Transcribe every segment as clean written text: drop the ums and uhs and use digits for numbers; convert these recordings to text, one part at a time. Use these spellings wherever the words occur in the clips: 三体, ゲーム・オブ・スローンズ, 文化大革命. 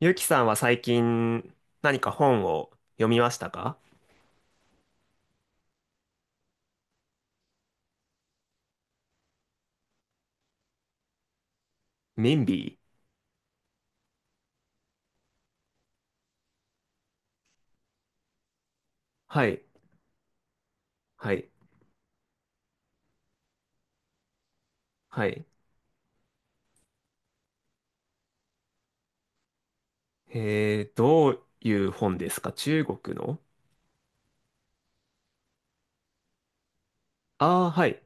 ゆきさんは最近何か本を読みましたか？ミンビー。はい、はい、はい。どういう本ですか、中国の？ああー、はい、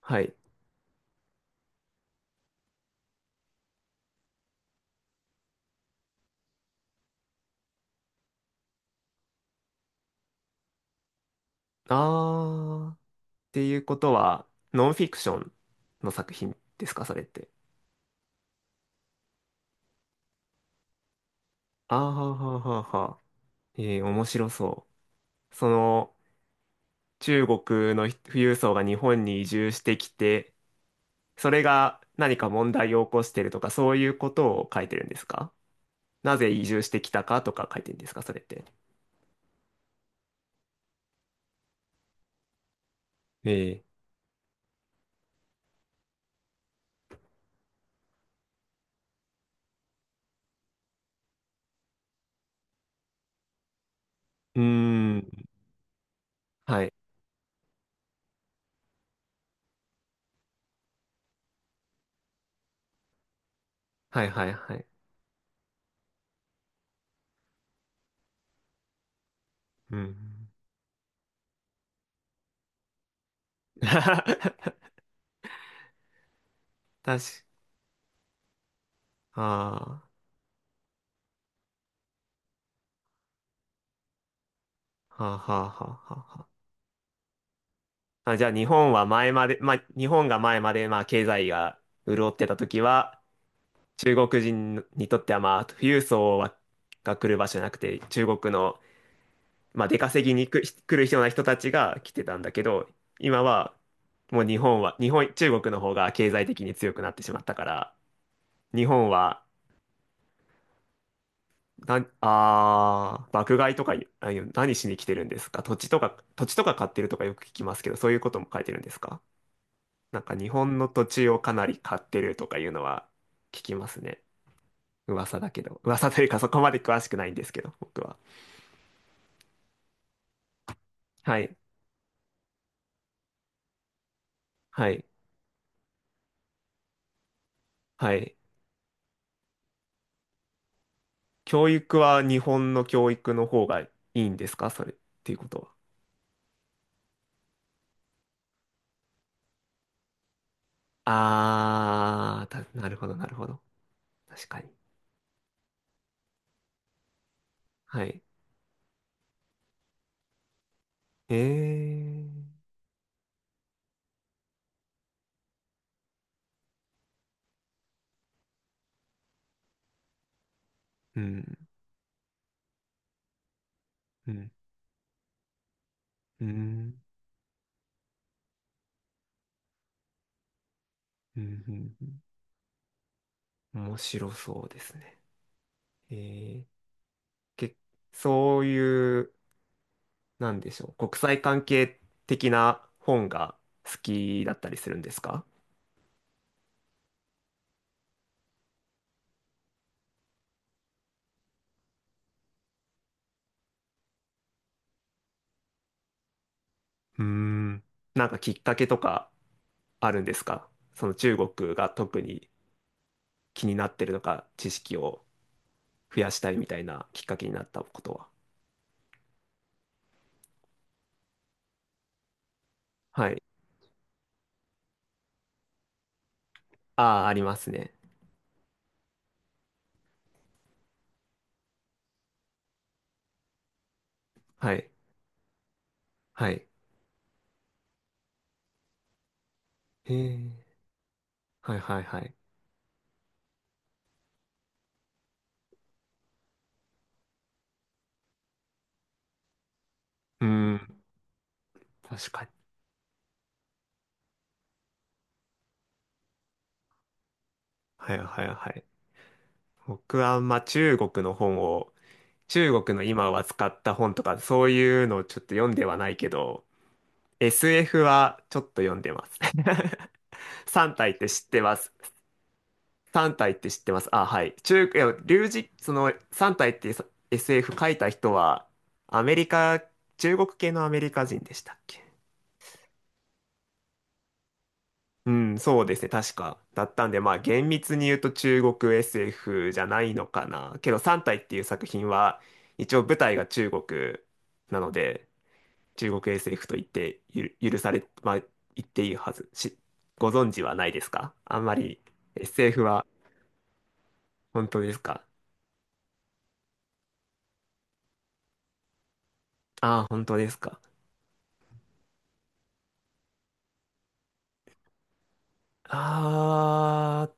はい。ああ、っていうことは、ノンフィクションの作品ですか、それって？ああ、はあはあはあはあ。面白そう。その、中国の富裕層が日本に移住してきて、それが何か問題を起こしてるとか、そういうことを書いてるんですか？なぜ移住してきたかとか書いてるんですか、それって？ええ。うーん。はい。はいはいはい。うん。確か、ああ、はあはあはあはあはあ。あ、じゃあ日本は前まで、まあ日本が前までまあ経済が潤ってた時は、中国人にとってはまあ富裕層はが来る場所じゃなくて、中国のまあ出稼ぎに来る人たちが来てたんだけど、今はもう日本は、日本、中国の方が経済的に強くなってしまったから、日本は、な、あー、爆買いとか、あ、いう何しに来てるんですか、土地とか買ってるとかよく聞きますけど、そういうことも書いてるんですか？なんか日本の土地をかなり買ってるとかいうのは聞きますね。噂だけど。噂というかそこまで詳しくないんですけど、僕は。はい。はい。はい。教育は日本の教育の方がいいんですか、それっていうことは？あー、なるほど、なるほど。確かに。はい。えー。うん。うんうん、うん、うん、うん。面白そうですね。えー、け、そういう、なんでしょう、国際関係的な本が好きだったりするんですか？うーん。なんかきっかけとかあるんですか、その中国が特に気になってるとか、知識を増やしたいみたいなきっかけになったことは？はい。ああ、ありますね。はい。はい。へえ、はいはいはい。うーん、確かに。はいはいはい。僕はあんま中国の本を、中国の今は使った本とか、そういうのをちょっと読んではないけど、SF はちょっと読んでます。3体って知ってます？3体って知ってます？あ、はい。いや、龍神、その3体ってさ、 SF 書いた人は、アメリカ、中国系のアメリカ人でしたっけ？うん、そうですね。確か。だったんで、まあ、厳密に言うと中国 SF じゃないのかな。けど、三体っていう作品は、一応舞台が中国なので、中国 SF と言って許され、まあ、言っていいはず。ご存知はないですか、あんまり？ SF は。本当ですか？ああー、本当ですか。あー、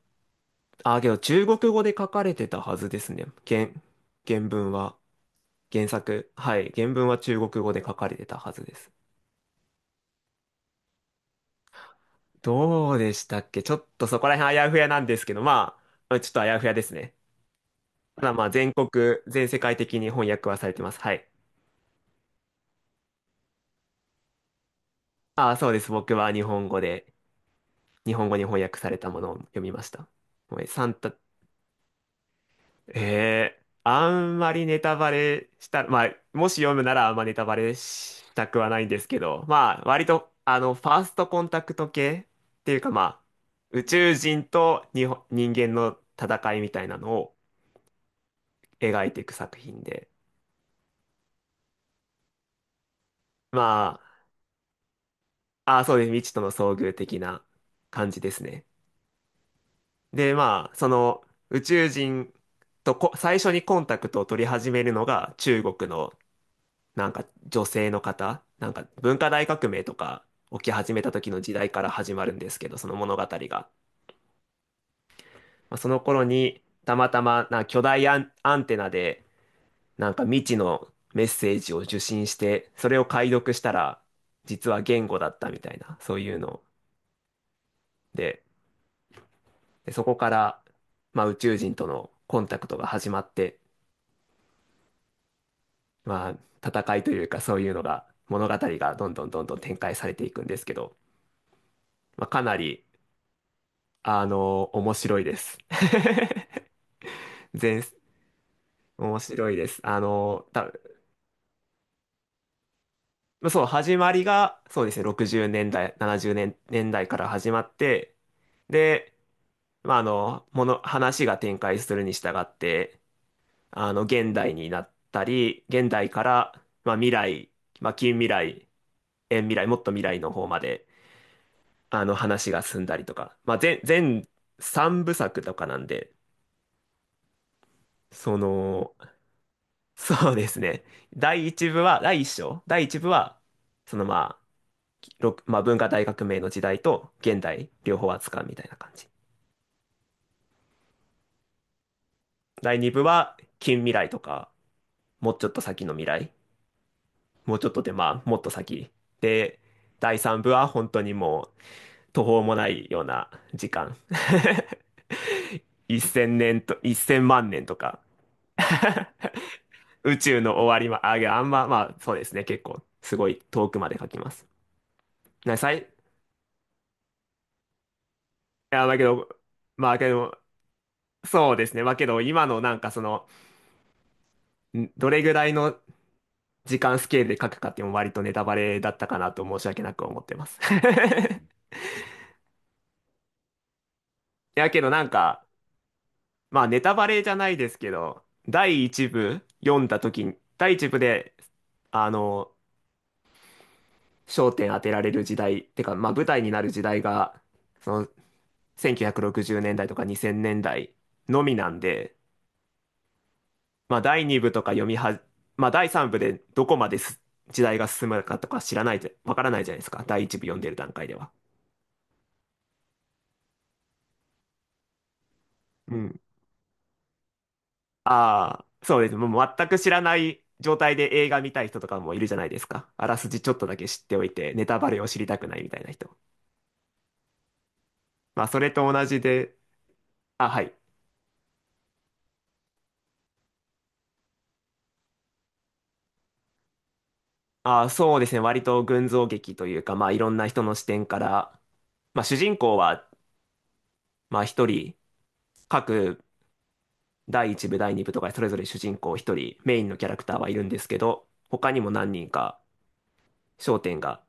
あー、けど中国語で書かれてたはずですね。原文は、原作。はい、原文は中国語で書かれてたはずです。どうでしたっけ、ちょっとそこら辺あやふやなんですけど、まあ、ちょっとあやふやですね。ただまあ、全世界的に翻訳はされてます。はい。ああ、そうです。僕は日本語に翻訳されたものを読みました。もうサンタ、えーあんまりネタバレした、まあ、もし読むならあんまネタバレしたくはないんですけど、まあ、割と、あの、ファーストコンタクト系っていうか、まあ、宇宙人と人間の戦いみたいなのを描いていく作品で、まあ、あ、そうです。未知との遭遇的な感じですね。で、まあ、その宇宙人とこ最初にコンタクトを取り始めるのが中国のなんか女性の方、なんか文化大革命とか起き始めた時の時代から始まるんですけど、その物語が。まあ、その頃にたまたまなんか巨大アンテナでなんか未知のメッセージを受信して、それを解読したら実は言語だったみたいな、そういうので。で、そこから、まあ、宇宙人とのコンタクトが始まって、まあ、戦いというかそういうのが、物語がどんどんどんどん展開されていくんですけど、まあ、かなり、あの、面白いです。全、面白いです。あの、まあそう、始まりが、そうですね、60年代、70年、年代から始まって、で、まあ、あの、話が展開するに従って、あの、現代になったり、現代から、まあ、未来、まあ、近未来、遠未来、もっと未来の方まで、あの、話が進んだりとか、まあ、全3部作とかなんで、その、そうですね。第1部は、第1章、第1部は、そのまあ、まあ、文化大革命の時代と現代、両方扱うみたいな感じ。第2部は、近未来とか、もうちょっと先の未来、もうちょっとで、まあ、もっと先。で、第3部は本当にもう、途方もないような時間。1000年と、1000万年とか。宇宙の終わりま、あ、いや、あんま、まあ、そうですね。結構、すごい遠くまで書きます。な、さい、いや、だけど、まあ、けど、そうですね。まあ、けど、今のなんかその、どれぐらいの時間スケールで書くかっていうのも割とネタバレだったかなと申し訳なく思ってます。いや、けどなんか、まあ、ネタバレじゃないですけど、第一部読んだ時に、第一部で、あの、焦点当てられる時代、てか、まあ舞台になる時代が、その1960年代とか2000年代のみなんで、まあ第2部とか読みは、まあ第3部でどこまです時代が進むかとか知らないじゃ、わからないじゃないですか。第1部読んでる段階では。うん。ああ、そうです。もう全く知らない状態で映画見たい人とかもいるじゃないですか。あらすじちょっとだけ知っておいて、ネタバレを知りたくないみたいな人。まあそれと同じで、あ、はい。あ、そうですね。割と群像劇というか、まあいろんな人の視点から、まあ主人公は、まあ一人、各第一部、第二部とかそれぞれ主人公一人、メインのキャラクターはいるんですけど、他にも何人か焦点が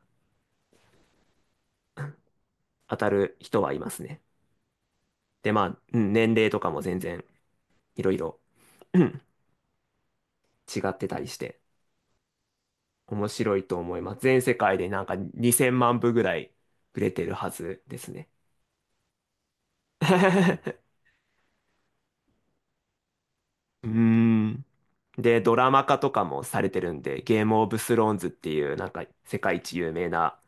当たる人はいますね。で、まあ、うん、年齢とかも全然いろいろ、うん、違ってたりして、面白いと思います。全世界でなんか2000万部ぐらい売れてるはずですね。うーん。で、ドラマ化とかもされてるんで、ゲームオブスローンズっていう、なんか世界一有名な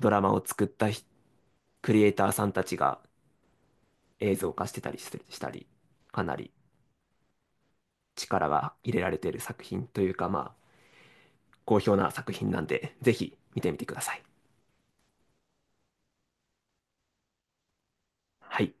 ドラマを作ったクリエイターさんたちが映像化してたりしてしたり、かなり力が入れられてる作品というか、まあ、好評な作品なんで、ぜひ見てみてください。はい。